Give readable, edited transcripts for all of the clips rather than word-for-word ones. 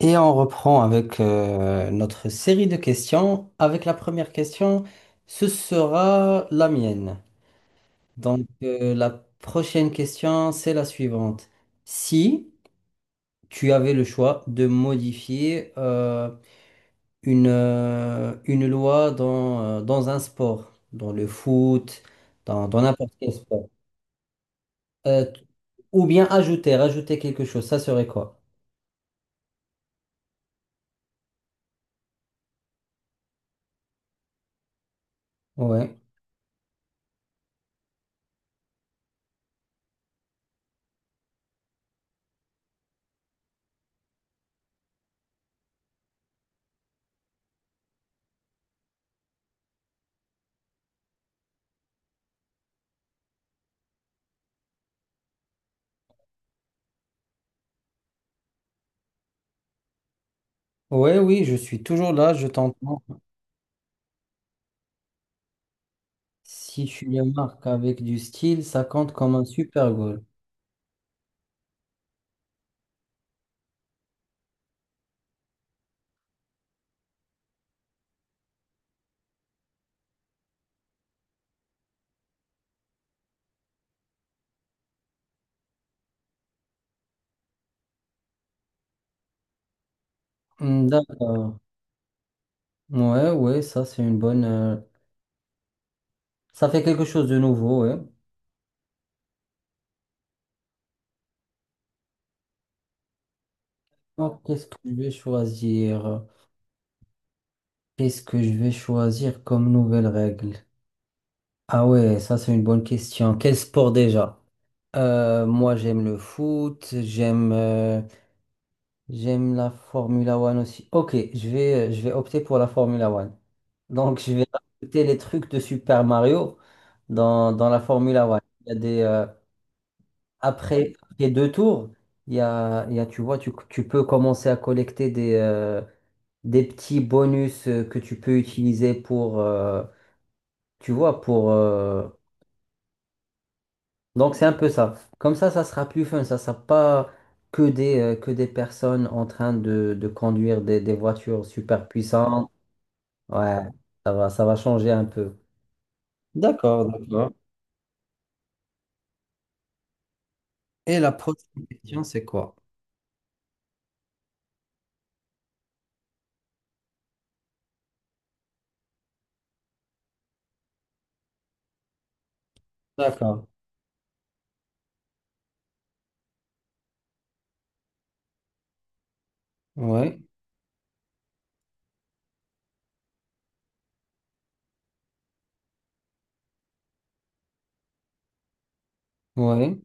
Et on reprend avec notre série de questions, avec la première question. Ce sera la mienne. La prochaine question, c'est la suivante. Si tu avais le choix de modifier une loi dans un sport, dans le foot, dans n'importe quel sport, euh, t- ou bien ajouter, rajouter quelque chose, ça serait quoi? Ouais. Ouais, oui, je suis toujours là, je t'entends. Si tu le marques avec du style, ça compte comme un super goal. Hmm, d'accord. Ouais, ouais, ça c'est une bonne, ça fait quelque chose de nouveau, ouais. Alors, qu'est-ce que je vais choisir? Qu'est-ce que je vais choisir comme nouvelle règle? Ah ouais, ça c'est une bonne question. Quel sport déjà? Moi j'aime le foot, j'aime la Formula One aussi. Ok, je vais opter pour la Formula One. Donc, je vais rajouter les trucs de Super Mario dans la Formula One. Il y a après, les deux tours, tu vois, tu peux commencer à collecter des petits bonus que tu peux utiliser pour, tu vois, donc c'est un peu ça. Comme ça sera plus fun. Ça sera pas que des personnes en train de conduire des voitures super puissantes. Ouais, ça va changer un peu. D'accord, d'accord. Et la prochaine question, c'est quoi? D'accord. Ouais, ouais.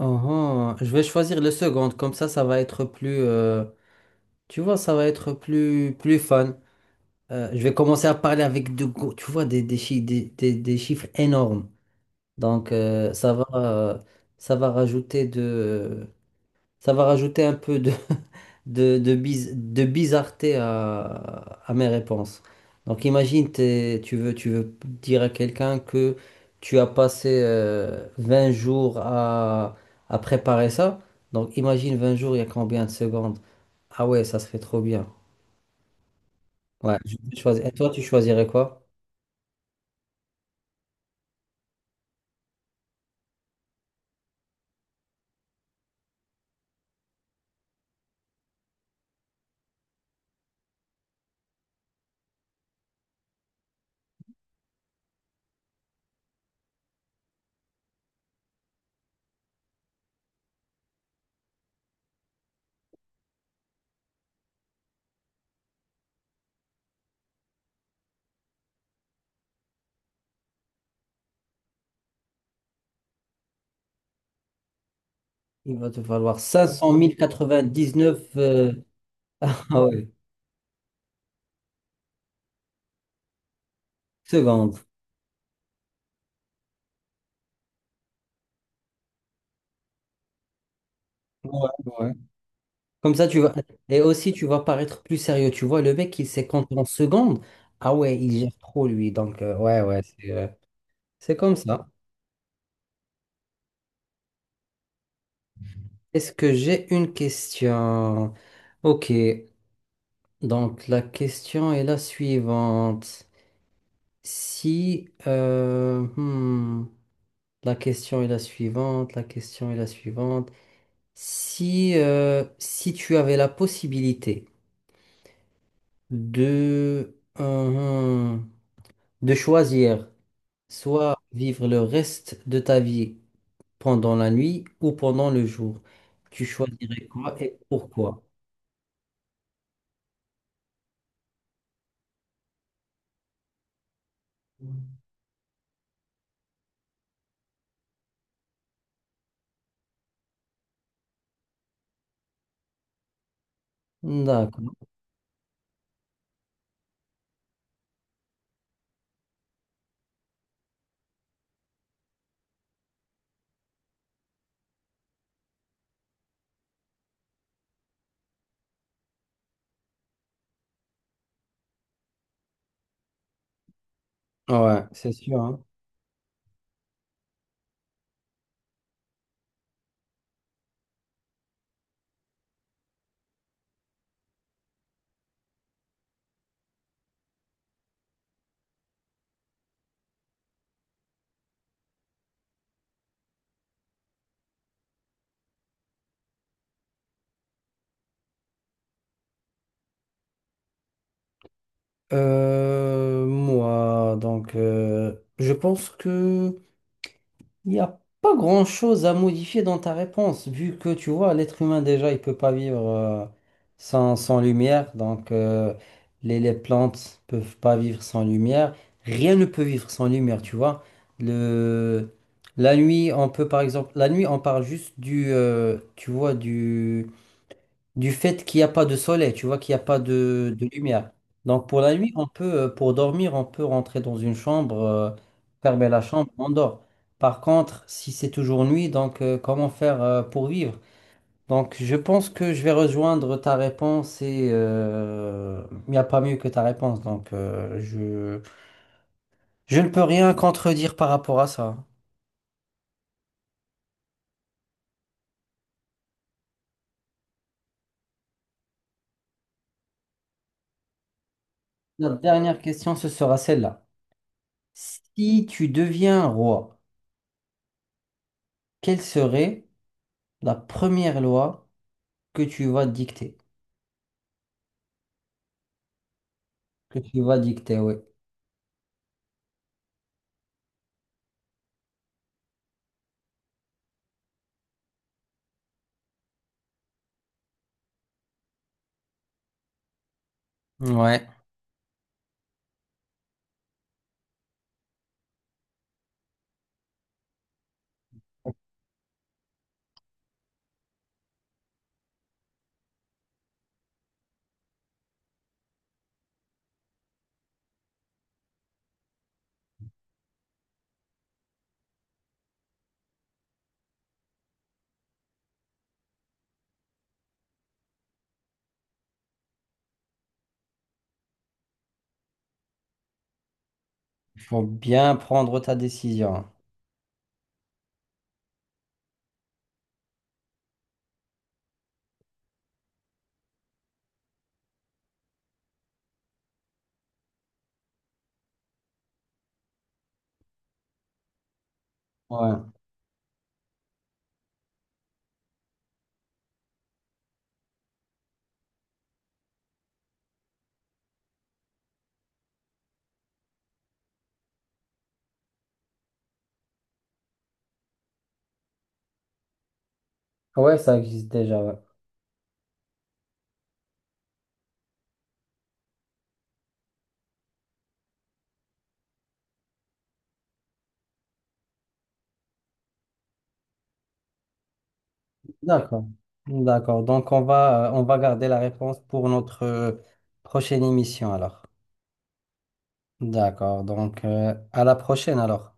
Uhum. Je vais choisir le second, comme ça va être plus, tu vois, ça va être plus, plus fun. Je vais commencer à parler avec tu vois, des chiffres énormes. Donc, euh, ça va, euh, Ça va rajouter ça va rajouter un peu de, de bizarreté à mes réponses. Donc imagine, tu veux dire à quelqu'un que tu as passé 20 jours à préparer ça. Donc imagine 20 jours, il y a combien de secondes? Ah ouais, ça serait trop bien. Ouais, je vais choisir. Et toi, tu choisirais quoi? Il va te falloir 500 099 ah ouais, secondes. Ouais, ouais. Comme ça, tu vas. Et aussi, tu vas paraître plus sérieux. Tu vois, le mec, il sait compter en secondes. Ah ouais, il gère trop, lui. C'est comme ça. Est-ce que j'ai une question? Ok. Donc, la question est la suivante. Si. Hmm, La question est la suivante. La question est la suivante. Si, si tu avais la possibilité de. euh, hmm, de choisir, soit vivre le reste de ta vie pendant la nuit ou pendant le jour. Tu choisirais quoi et pourquoi? D'accord. Ouais, c'est sûr, hein. Je pense que Il n'y a pas grand-chose à modifier dans ta réponse, vu que tu vois, l'être humain déjà, il peut pas vivre sans, sans lumière, donc les plantes peuvent pas vivre sans lumière, rien ne peut vivre sans lumière, tu vois. Le, la nuit, on peut par exemple, la nuit, on parle juste tu vois, du fait qu'il n'y a pas de soleil, tu vois, qu'il n'y a pas de lumière. Donc pour la nuit, on peut, pour dormir, on peut rentrer dans une chambre, fermer la chambre, on dort. Par contre, si c'est toujours nuit, donc comment faire pour vivre? Donc je pense que je vais rejoindre ta réponse et il n'y a pas mieux que ta réponse. Je ne peux rien contredire par rapport à ça. Notre dernière question, ce sera celle-là. Si tu deviens roi, quelle serait la première loi que tu vas dicter? Que tu vas dicter, oui. Ouais. Il faut bien prendre ta décision. Ouais. Ouais, ça existe déjà, ouais. D'accord. D'accord. Donc, on va garder la réponse pour notre prochaine émission, alors. D'accord. Donc, à la prochaine, alors.